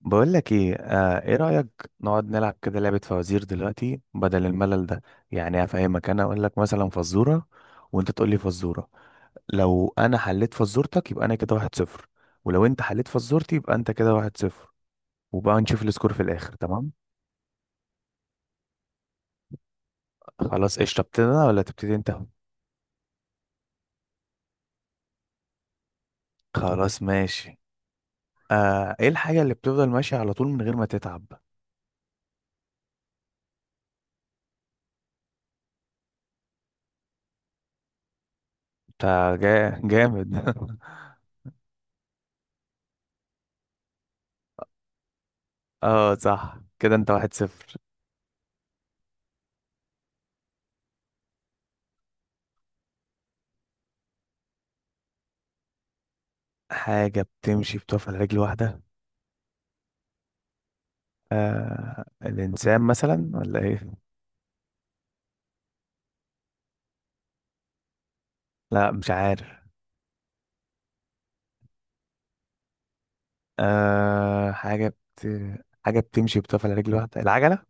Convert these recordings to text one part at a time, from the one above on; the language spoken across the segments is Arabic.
بقول لك ايه، ايه رأيك نقعد نلعب كده لعبة فوازير دلوقتي بدل الملل ده؟ يعني افهمك، انا اقول لك مثلا فزورة وانت تقول لي فزورة. لو انا حليت فزورتك يبقى انا كده 1-0، ولو انت حليت فزورتي يبقى انت كده 1-0، وبقى نشوف السكور في الاخر. تمام؟ خلاص، ايش، ابتدي انا ولا تبتدي انت؟ خلاص ماشي. ايه الحاجة اللي بتفضل ماشية على طول من غير ما تتعب؟ انت. جامد. اه صح، كده انت 1-0. حاجة بتمشي بتقف على رجل واحدة. الإنسان مثلا ولا إيه؟ لا، مش عارف. آه حاجة بت... حاجة بتمشي بتقف على رجل واحدة، العجلة؟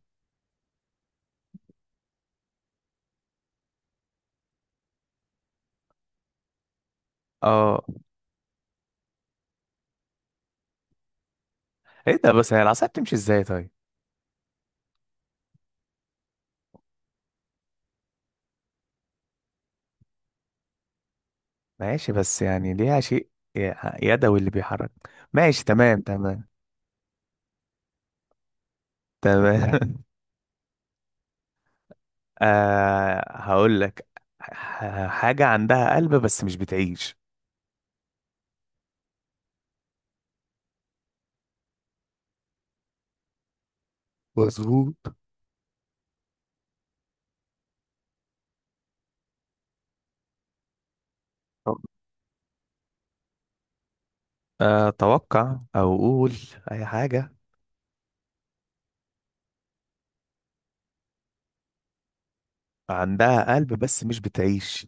اه. ايه ده؟ بس هي العصاية بتمشي ازاي طيب؟ ماشي، بس يعني ليها شيء ي- يدوي اللي بيحرك. ماشي، تمام تمام. تمام. هقول لك. حاجة عندها قلب بس مش بتعيش. مظبوط. اتوقع او اقول اي حاجه. عندها قلب بس مش بتعيش.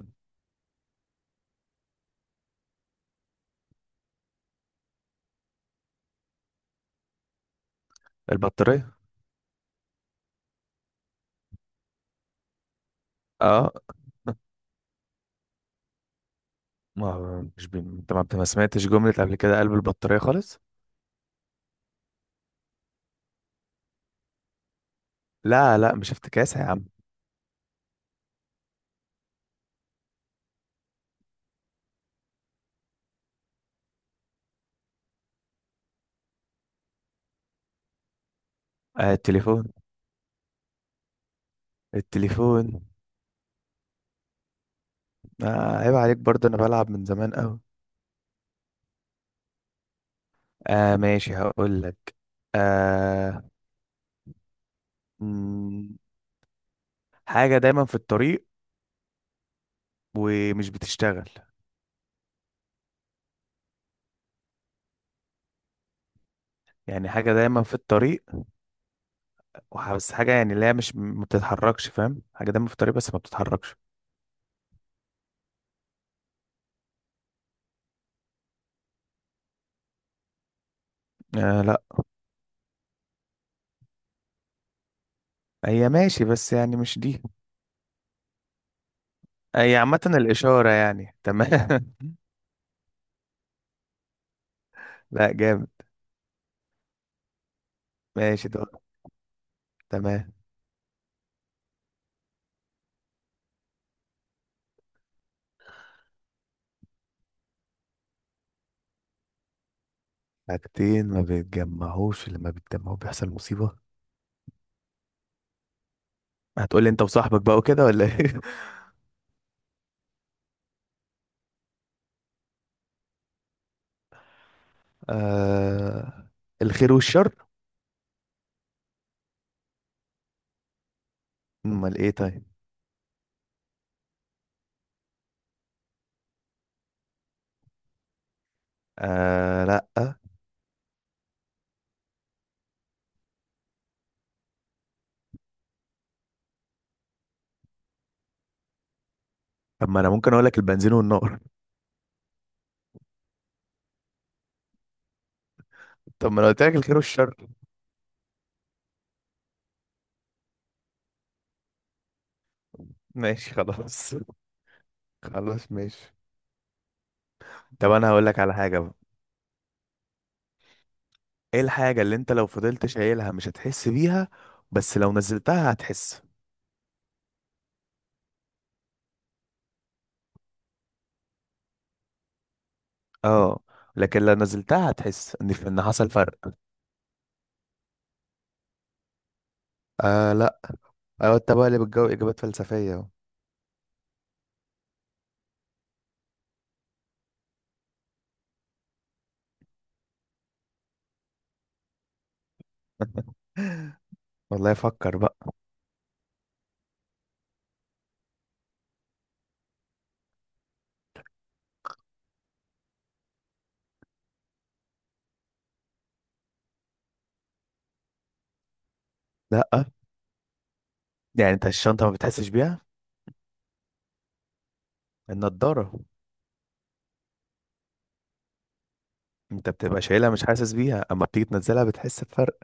البطاريه. اه. ما مش بي... انت ما سمعتش جملة قبل كده قلب البطارية خالص. لا، لا، مش افتكاسة يا عم. التليفون. التليفون. عيب عليك برضه، انا بلعب من زمان قوي. ماشي، هقول لك. آه مم، حاجة دايما في الطريق ومش بتشتغل. يعني حاجة دايما في الطريق، بس حاجة يعني اللي هي مش ما بتتحركش، فاهم؟ حاجة دايما في الطريق بس ما بتتحركش. لا، هي ماشي بس يعني مش دي. هي عامة الإشارة يعني. تمام. لا، جامد. ماشي ده. تمام. حاجتين ما بيتجمعوش لما بيتجمعوا بيحصل مصيبة. هتقولي انت وصاحبك بقى وكده ولا ايه؟ آه... الخير والشر. امال ايه طيب؟ لا. طب ما انا ممكن اقول لك البنزين والنار. طب ما انا قلت لك الخير والشر. ماشي خلاص. خلاص ماشي. طب انا هقول لك على حاجة بقى. ايه الحاجة اللي انت لو فضلت شايلها مش هتحس بيها، بس لو نزلتها هتحس؟ اه، لكن لو نزلتها هتحس ان حصل فرق. لا. ايوه، انت بقى اللي بتجاوب اجابات فلسفية اهو. والله فكر بقى. لا، يعني انت الشنطة ما بتحسش بيها. النضارة. انت بتبقى شايلها مش حاسس بيها، اما بتيجي تنزلها بتحس بفرق.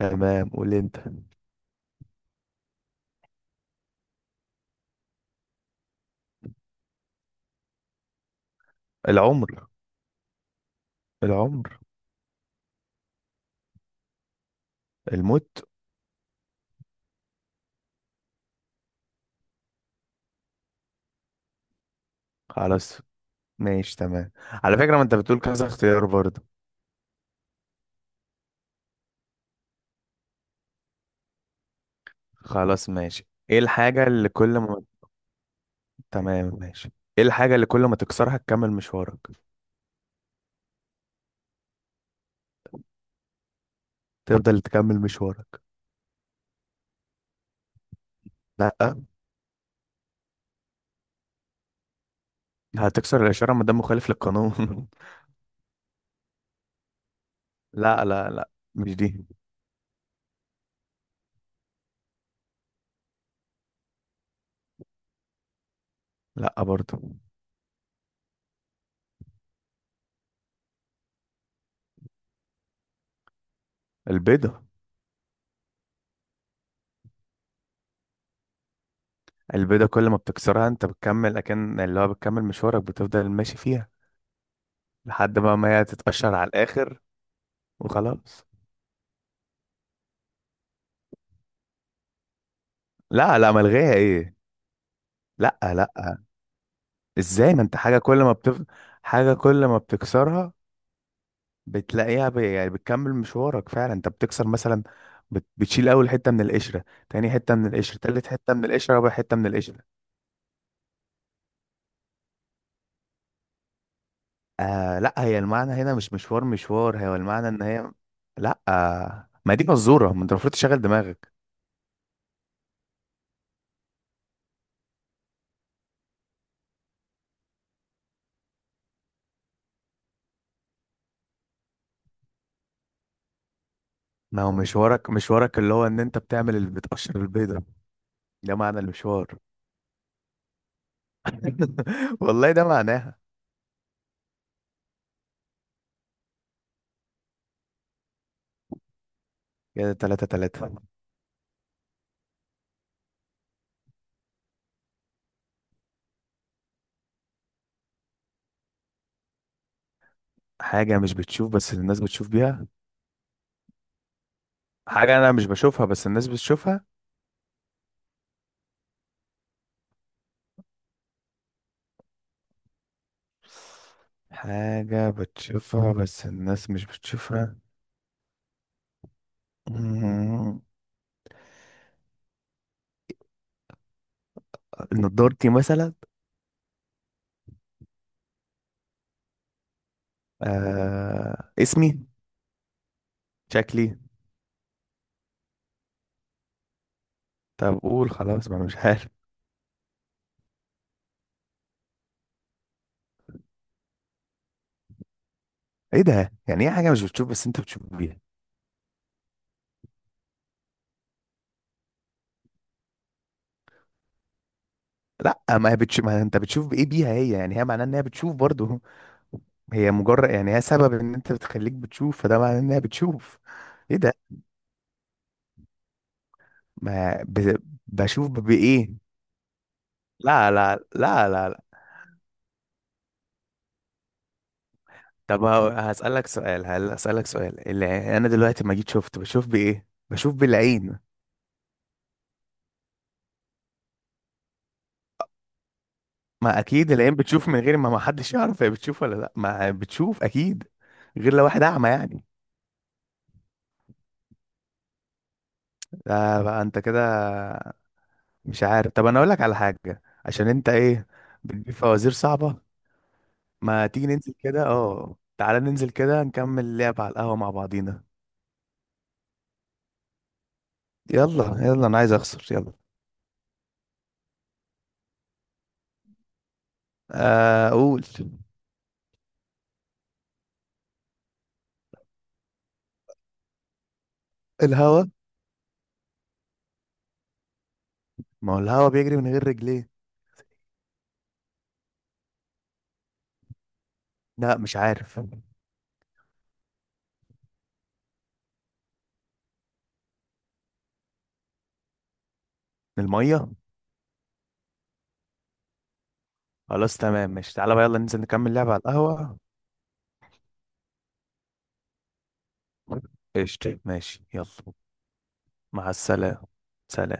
تمام. قول انت. العمر. العمر. الموت. خلاص، ماشي، تمام. على فكرة ما انت بتقول كذا اختيار برضه. خلاص ماشي، ايه الحاجة اللي كل ما تمام ماشي. ايه الحاجة اللي كل ما تكسرها تكمل مشوارك؟ تفضل تكمل مشوارك. لا، هتكسر الإشارة ما دام مخالف للقانون. لا، لا، لا، مش دي. لا برضه. البيضة. البيضة كل ما بتكسرها انت بتكمل اكن اللي هو بتكمل مشوارك بتفضل ماشي فيها لحد ما هي تتقشر على الاخر وخلاص. لا، لا، ملغيها ايه؟ لا، لا. ازاي، ما انت حاجة كل ما بتكسرها بتلاقيها يعني بتكمل مشوارك. فعلا انت بتكسر مثلا بتشيل اول حتة من القشرة، تاني حتة من القشرة، تالت حتة من القشرة، رابع حتة من القشرة. لا، هي المعنى هنا مش مشوار، مشوار هو المعنى ان هي. لا، ما دي مزورة، ما انت المفروض تشغل دماغك. ما هو مشوارك، مشوارك اللي هو ان انت بتعمل اللي بتقشر البيضة. ده معنى المشوار. والله ده معناها. كده 3-3. حاجة مش بتشوف بس الناس بتشوف بيها. حاجة انا مش بشوفها بس الناس بتشوفها. حاجة بتشوفها بس الناس مش بتشوفها. مم. نضارتي مثلا. اسمي، شكلي. طب قول خلاص، ما انا مش عارف. ايه ده؟ يعني ايه حاجة مش بتشوف بس انت بتشوف بيها؟ لا، ما هي بتشوف، ما انت بتشوف بايه بيها هي، يعني هي معناها ان هي بتشوف برضو. هي مجرد يعني هي سبب ان انت بتخليك بتشوف، فده معناه انها بتشوف. ايه ده، ما بشوف بايه؟ لا، لا، لا، لا، لا. طب هسألك سؤال، هل هسألك سؤال؟ اللي انا دلوقتي ما جيت شفت بشوف بايه، بشوف بالعين. ما اكيد العين بتشوف من غير ما حدش يعرف هي بتشوف ولا لا، ما بتشوف اكيد. غير لو واحد اعمى يعني. ده بقى انت كده. مش عارف، طب انا اقول لك على حاجة عشان انت ايه. بتجيب فوازير صعبة. ما تيجي ننزل كده، اه، تعالى ننزل كده نكمل لعب على القهوة مع بعضينا. يلا، يلا، انا عايز اخسر. يلا. اقول. الهوا. ما هو الهوا بيجري من غير رجليه. لا، مش عارف. المية. خلاص تمام ماشي، تعالى بقى يلا ننزل نكمل لعب على القهوة. قشطة، ماشي، يلا. مع السلامة. سلام.